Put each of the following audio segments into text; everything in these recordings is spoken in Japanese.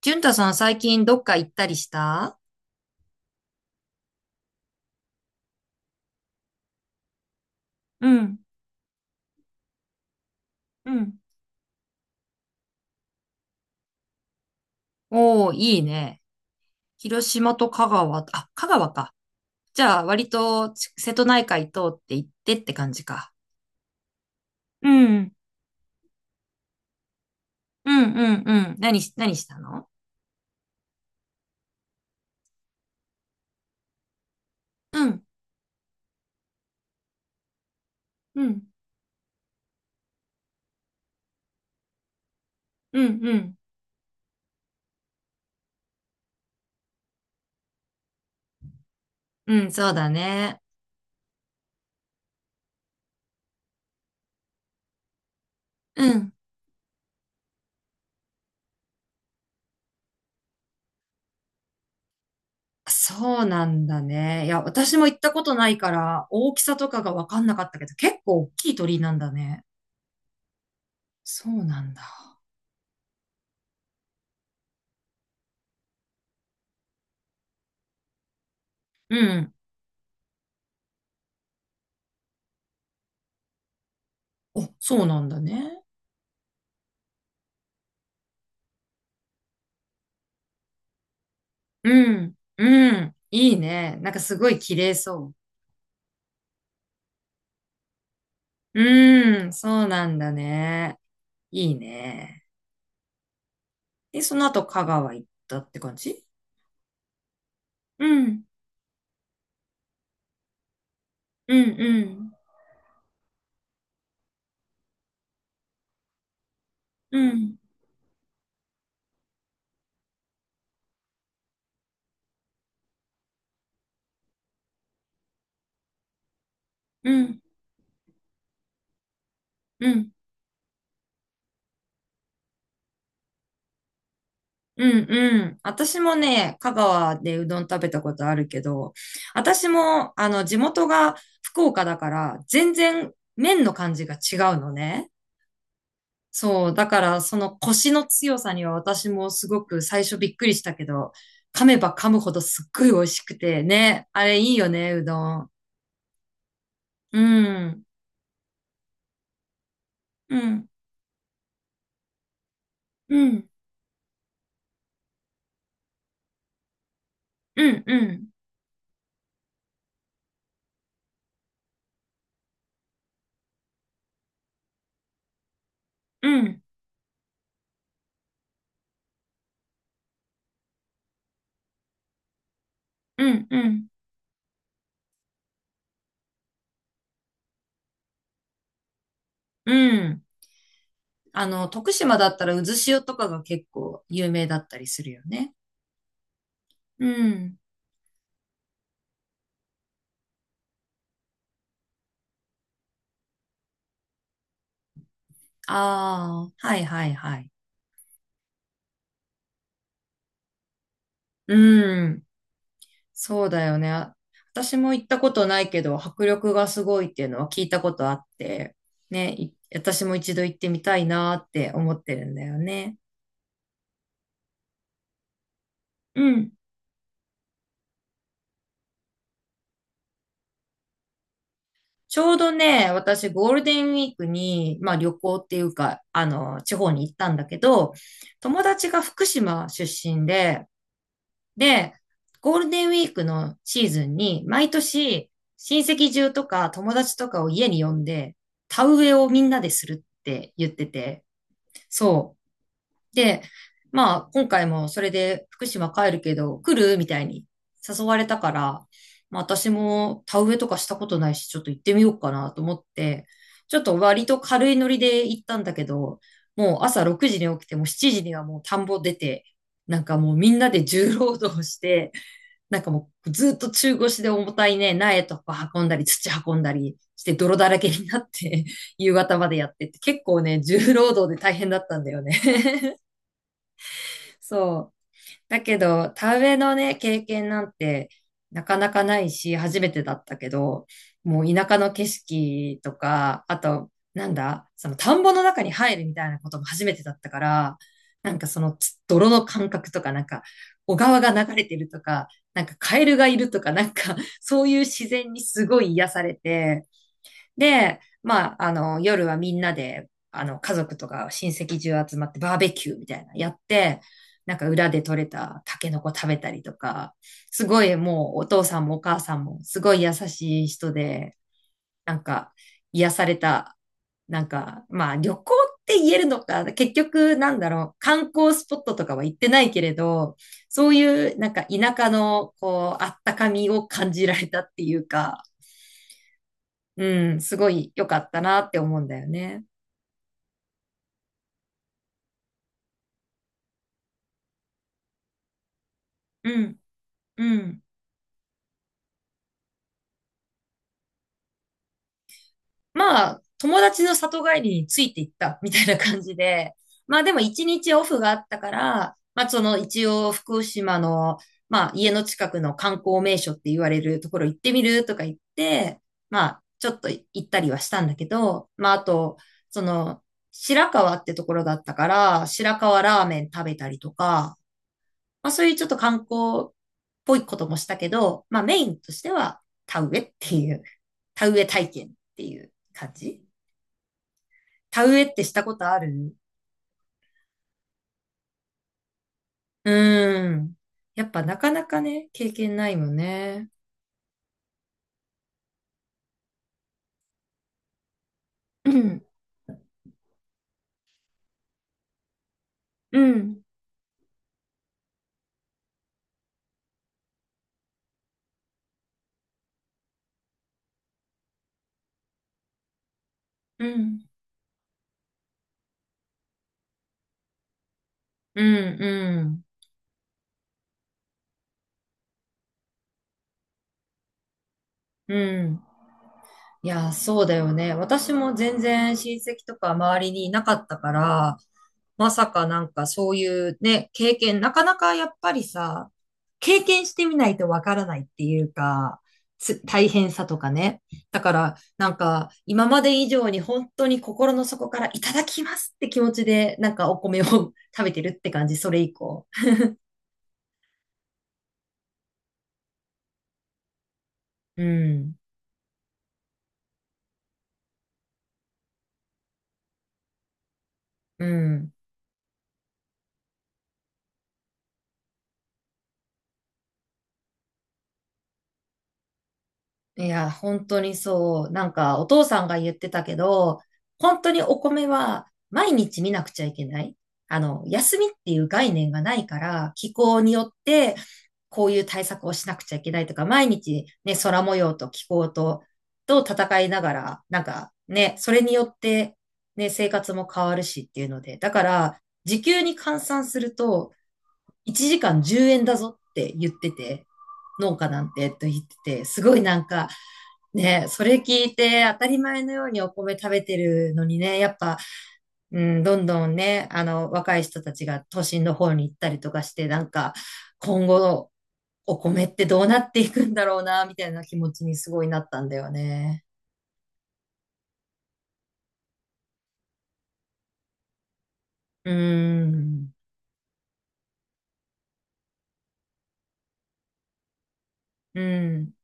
淳太さん、最近どっか行ったりした？うん、うん。おー、いいね。広島と香川、あ、香川か。じゃあ割と瀬戸内海通って行ってって感じか。うん、うん、うん、うん、何したの？うん、うん、うん、うん、うん、そうだね。うん。そうなんだね。いや、私も行ったことないから大きさとかが分かんなかったけど、結構大きい鳥居なんだね。そうなんだ。うん。お、そうなんだね。うん、うん、いいね。なんかすごい綺麗そう。うん、そうなんだね。いいね。で、その後香川行ったって感じ？うん、うん、うん、うん、うん、うん、うん、うん。私もね、香川でうどん食べたことあるけど、私も、地元が福岡だから、全然麺の感じが違うのね。そう、だからその腰の強さには私もすごく最初びっくりしたけど、噛めば噛むほどすっごい美味しくてね、あれいいよね、うどん。うん、うん、うん、うん、うん、うん、うん、うん、うん。徳島だったらうずしおとかが結構有名だったりするよね。うん。ああ、はいはいはい。うん。そうだよね。私も行ったことないけど、迫力がすごいっていうのは聞いたことあって、ね、私も一度行ってみたいなって思ってるんだよね。うん。ちょうどね、私ゴールデンウィークに、まあ旅行っていうか、地方に行ったんだけど、友達が福島出身で、で、ゴールデンウィークのシーズンに、毎年親戚中とか友達とかを家に呼んで、田植えをみんなでするって言ってて、そう。で、まあ、今回もそれで福島帰るけど、来るみたいに誘われたから、まあ、私も田植えとかしたことないし、ちょっと行ってみようかなと思って、ちょっと割と軽いノリで行ったんだけど、もう朝6時に起きて、もう7時にはもう田んぼ出て、なんかもうみんなで重労働して、なんかもうずっと中腰で重たいね、苗とか運んだり、土運んだりして泥だらけになって 夕方までやってって、結構ね、重労働で大変だったんだよね。 そう。だけど、田植えのね、経験なんてなかなかないし、初めてだったけど、もう田舎の景色とか、あと、なんだ、その田んぼの中に入るみたいなことも初めてだったから、なんかその泥の感覚とか、なんか小川が流れてるとか、なんかカエルがいるとか、なんかそういう自然にすごい癒されて、で、まあ、夜はみんなで、家族とか親戚中集まってバーベキューみたいなやって、なんか裏で採れたタケノコ食べたりとか、すごいもうお父さんもお母さんもすごい優しい人で、なんか癒された、なんか、まあ旅行って言えるのか、結局なんだろう、観光スポットとかは行ってないけれど、そういうなんか田舎のこう、あったかみを感じられたっていうか、うん、すごい良かったなって思うんだよね。うん、うん。まあ、友達の里帰りについていったみたいな感じで、まあでも一日オフがあったから、まあその一応福島の、まあ家の近くの観光名所って言われるところ行ってみるとか言って、まあちょっと行ったりはしたんだけど、まああと、その白川ってところだったから、白川ラーメン食べたりとか、まあそういうちょっと観光っぽいこともしたけど、まあメインとしては田植えっていう、田植え体験っていう感じ。田植えってしたことある？うーん。やっぱなかなかね、経験ないもんね。うん、うん、うん、うん、うん、うん。いや、そうだよね。私も全然親戚とか周りにいなかったから、まさかなんかそういうね、経験、なかなかやっぱりさ、経験してみないとわからないっていうか、大変さとかね。だからなんか今まで以上に本当に心の底からいただきますって気持ちでなんかお米を 食べてるって感じ、それ以降。うん、うん。いや、本当にそう。なんか、お父さんが言ってたけど、本当にお米は毎日見なくちゃいけない。休みっていう概念がないから、気候によってこういう対策をしなくちゃいけないとか、毎日ね、空模様と気候と戦いながら、なんかね、それによってね、生活も変わるしっていうので、だから、時給に換算すると、1時間10円だぞって言ってて、農家なんてと言ってて、すごいなんか、ね、それ聞いて当たり前のようにお米食べてるのにね、やっぱ、うん、どんどんね、若い人たちが都心の方に行ったりとかして、なんか、今後、お米ってどうなっていくんだろうな、みたいな気持ちにすごいなったんだよね。うん、うん、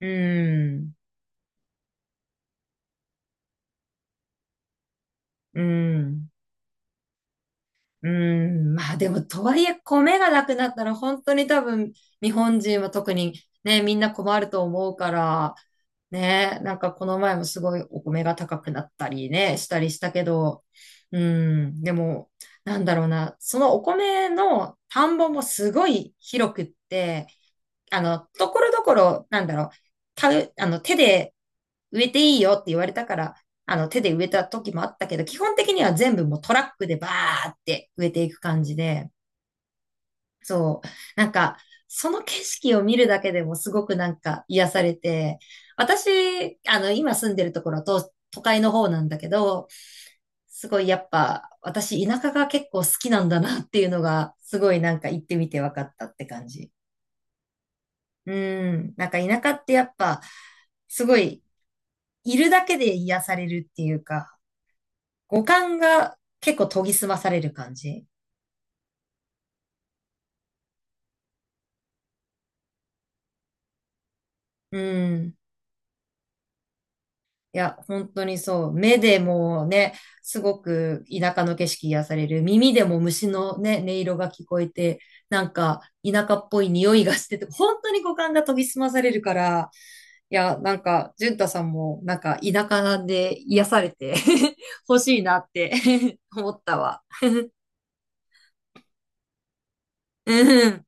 うん、うん。うーん、まあでも、とはいえ、米がなくなったら、本当に多分、日本人は特にね、みんな困ると思うから、ね、なんかこの前もすごいお米が高くなったりね、したりしたけど、うん、でも、なんだろうな、そのお米の田んぼもすごい広くって、ところどころ、なんだろう、た、手で植えていいよって言われたから、手で植えた時もあったけど、基本的には全部もうトラックでバーって植えていく感じで、そう。なんか、その景色を見るだけでもすごくなんか癒されて、私、今住んでるところは都会の方なんだけど、すごいやっぱ、私田舎が結構好きなんだなっていうのが、すごいなんか行ってみて分かったって感じ。うん。なんか田舎ってやっぱ、すごい、いるだけで癒されるっていうか、五感が結構研ぎ澄まされる感じ。うん。いや、本当にそう。目でもね、すごく田舎の景色癒される。耳でも虫のね、音色が聞こえて、なんか田舎っぽい匂いがしてて、本当に五感が研ぎ澄まされるから、いや、なんか、淳太さんも、なんか、田舎で癒されて 欲しいなって 思ったわ。うん。